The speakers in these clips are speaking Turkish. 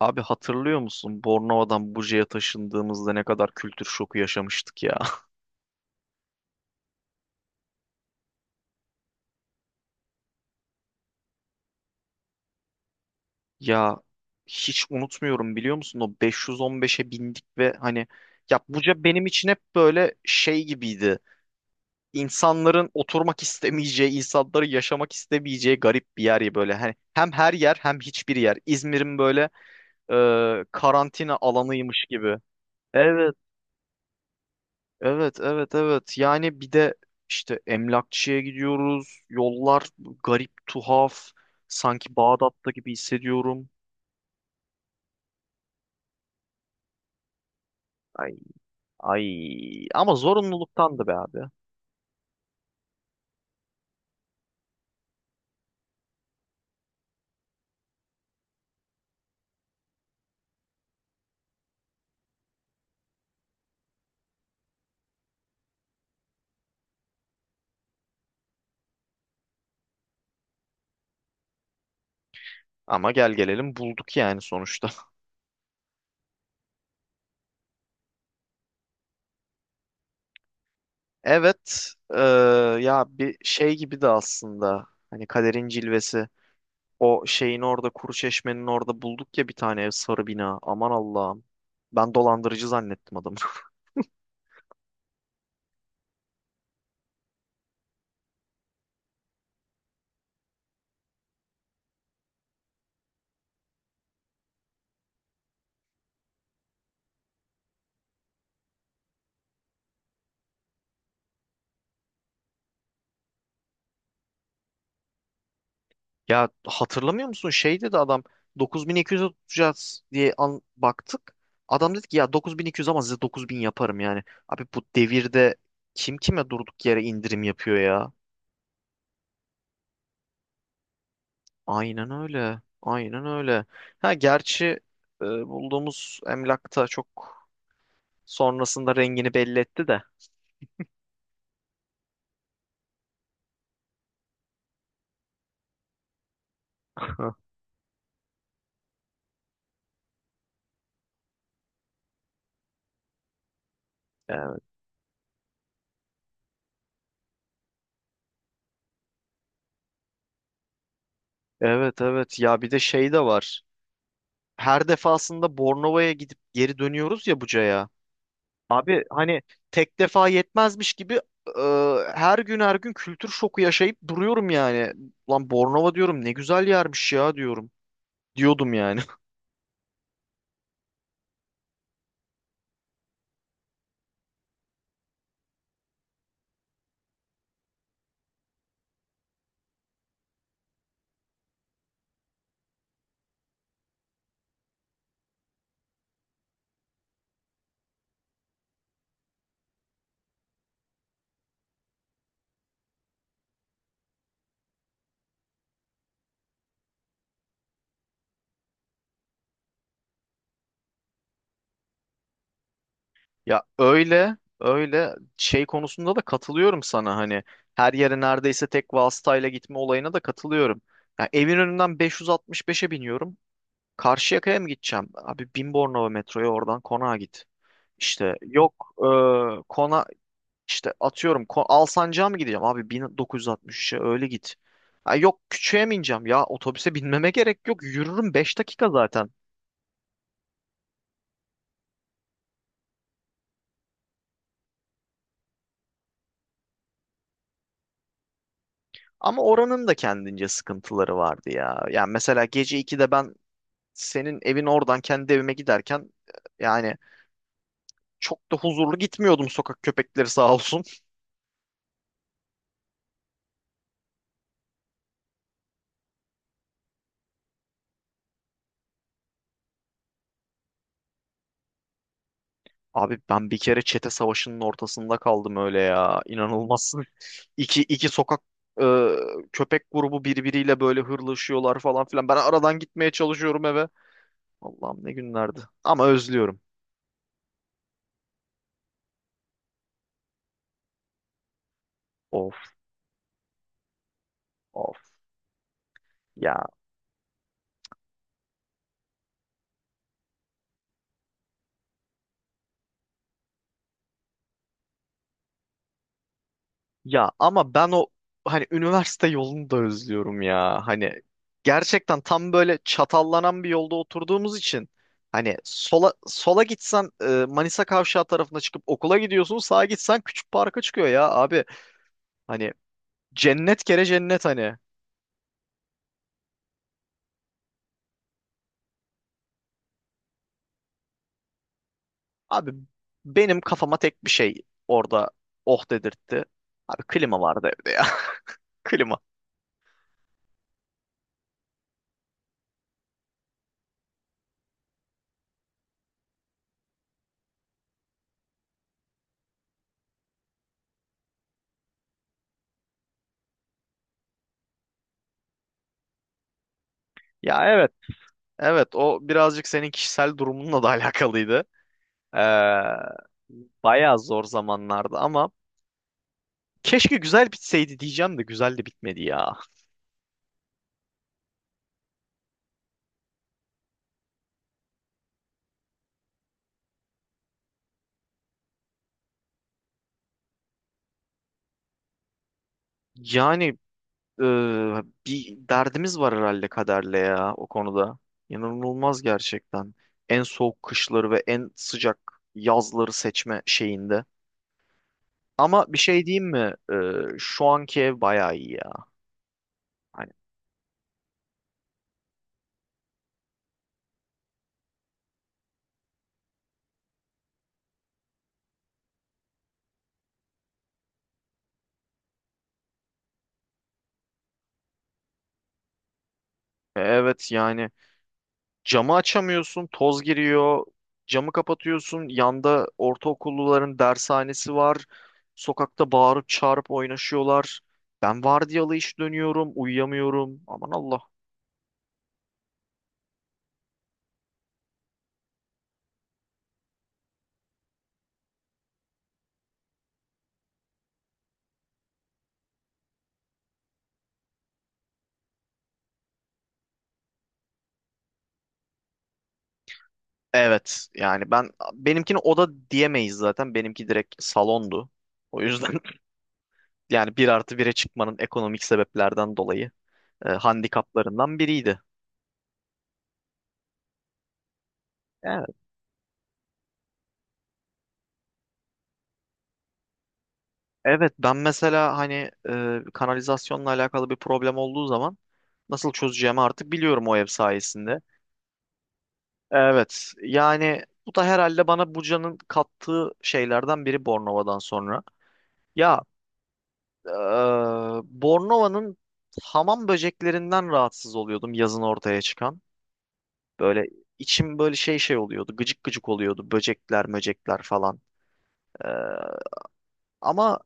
Abi, hatırlıyor musun? Bornova'dan Buca'ya taşındığımızda ne kadar kültür şoku yaşamıştık ya. Ya, hiç unutmuyorum, biliyor musun? O 515'e bindik ve hani, ya Buca benim için hep böyle şey gibiydi. İnsanların oturmak istemeyeceği, insanların yaşamak istemeyeceği garip bir yer ya böyle. Hani hem her yer hem hiçbir yer. İzmir'in böyle e, karantina alanıymış gibi. Evet. Evet, evet, evet. Yani bir de işte emlakçıya gidiyoruz. Yollar garip, tuhaf. Sanki Bağdat'ta gibi hissediyorum. Ay, ay. Ama zorunluluktandı be abi. Ama gel gelelim bulduk yani sonuçta. Evet, ya bir şey gibi de aslında. Hani, kaderin cilvesi. O şeyin orada, kuru çeşmenin orada bulduk ya bir tane ev, sarı bina. Aman Allah'ım. Ben dolandırıcı zannettim adamı. Ya, hatırlamıyor musun? Şey dedi adam, 9200'e tutacağız diye an baktık. Adam dedi ki ya, 9.200 ama size 9.000 yaparım yani. Abi, bu devirde kim kime durduk yere indirim yapıyor ya? Aynen öyle. Aynen öyle. Ha gerçi bulduğumuz emlakta çok sonrasında rengini belli etti de. Evet, evet, ya bir de şey de var. Her defasında Bornova'ya gidip geri dönüyoruz ya Buca'ya. Abi hani, tek defa yetmezmiş gibi e, her gün her gün kültür şoku yaşayıp duruyorum yani. Lan Bornova diyorum, ne güzel yermiş ya diyorum. Diyordum yani. Ya öyle öyle, şey konusunda da katılıyorum sana, hani her yere neredeyse tek vasıtayla gitme olayına da katılıyorum. Ya, evin önünden 565'e biniyorum. Karşıyaka'ya mı gideceğim? Abi, bin Bornova metroya, oradan konağa git. İşte yok e, kona işte atıyorum kon, Alsancak'a mı gideceğim abi, 1963'e öyle git. Ha, yok küçüğe mi ineceğim, ya otobüse binmeme gerek yok, yürürüm 5 dakika zaten. Ama oranın da kendince sıkıntıları vardı ya. Yani mesela gece 2'de ben senin evin oradan kendi evime giderken yani çok da huzurlu gitmiyordum, sokak köpekleri sağ olsun. Abi, ben bir kere çete savaşının ortasında kaldım öyle ya. İnanılmazsın. İki sokak e, köpek grubu birbiriyle böyle hırlaşıyorlar falan filan. Ben aradan gitmeye çalışıyorum eve. Allah'ım, ne günlerdi. Ama özlüyorum. Of, of ya. Ya ama ben o, hani üniversite yolunu da özlüyorum ya. Hani gerçekten tam böyle çatallanan bir yolda oturduğumuz için, hani sola gitsen Manisa Kavşağı tarafına çıkıp okula gidiyorsun. Sağa gitsen Küçük Park'a çıkıyor ya abi. Hani cennet kere cennet hani. Abi, benim kafama tek bir şey orada oh dedirtti. Abi, klima vardı evde ya. Klima. Ya evet. Evet, o birazcık senin kişisel durumunla da alakalıydı. Ee, Bayağı zor zamanlardı ama keşke güzel bitseydi diyeceğim, de güzel de bitmedi ya. Yani bir derdimiz var herhalde kaderle ya, o konuda. İnanılmaz gerçekten. En soğuk kışları ve en sıcak yazları seçme şeyinde. Ama bir şey diyeyim mi? Şu anki ev bayağı iyi ya. Hani, evet yani camı açamıyorsun, toz giriyor. Camı kapatıyorsun. Yanda ortaokulluların dershanesi var. Sokakta bağırıp çağırıp oynaşıyorlar. Ben vardiyalı iş dönüyorum, uyuyamıyorum. Aman Allah. Evet yani ben benimkini oda diyemeyiz zaten. Benimki direkt salondu. O yüzden yani bir artı bire çıkmanın ekonomik sebeplerden dolayı handikaplarından biriydi. Evet. Evet, ben mesela hani kanalizasyonla alakalı bir problem olduğu zaman nasıl çözeceğimi artık biliyorum, o ev sayesinde. Evet yani bu da herhalde bana Buca'nın kattığı şeylerden biri, Bornova'dan sonra. Ya, Ee, Bornova'nın hamam böceklerinden rahatsız oluyordum, yazın ortaya çıkan. Böyle içim böyle şey oluyordu. Gıcık gıcık oluyordu. Böcekler, möcekler falan. Ee, Ama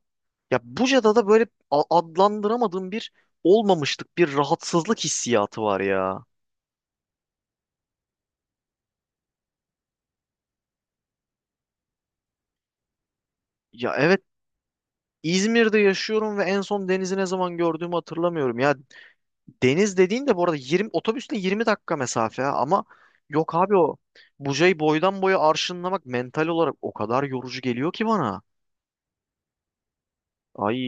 ya Buca'da da böyle adlandıramadığım bir olmamışlık, bir rahatsızlık hissiyatı var ya. Ya evet, İzmir'de yaşıyorum ve en son denizi ne zaman gördüğümü hatırlamıyorum. Ya, deniz dediğin de bu arada 20 otobüsle 20 dakika mesafe ha. Ama yok abi, o Buca'yı boydan boya arşınlamak mental olarak o kadar yorucu geliyor ki bana. Ay,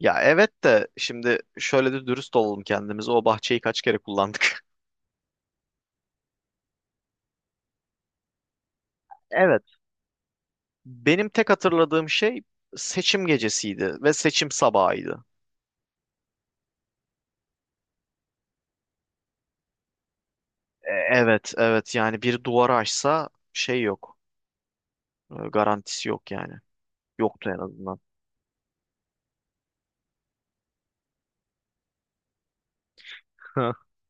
ya evet, de şimdi şöyle de dürüst olalım kendimize, o bahçeyi kaç kere kullandık? Evet, benim tek hatırladığım şey seçim gecesiydi ve seçim sabahıydı. Evet, evet yani bir duvarı aşsa şey yok. Garantisi yok yani, yoktu en azından.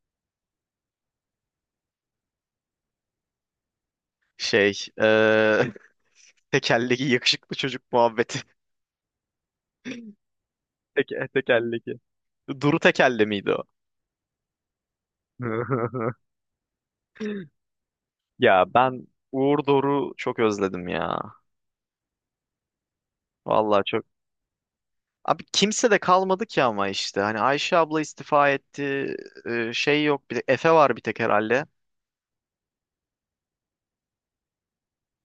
Şey, tekerleki yakışıklı çocuk muhabbeti. Tekerleki. Duru tekerle miydi o? Ya ben Uğur Doruk'u çok özledim ya. Vallahi çok. Abi, kimse de kalmadı ki ama işte. Hani Ayşe abla istifa etti. Şey yok. Bir de Efe var bir tek herhalde.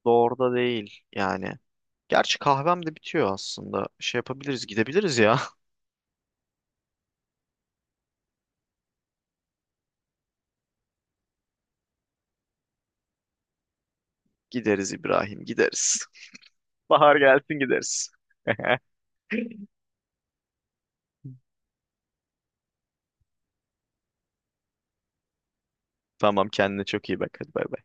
Doğru'da değil yani. Gerçi kahvem de bitiyor aslında. Şey yapabiliriz, gidebiliriz ya. Gideriz İbrahim, gideriz. Bahar gelsin gideriz. Tamam, kendine çok iyi bak. Hadi, bay bay.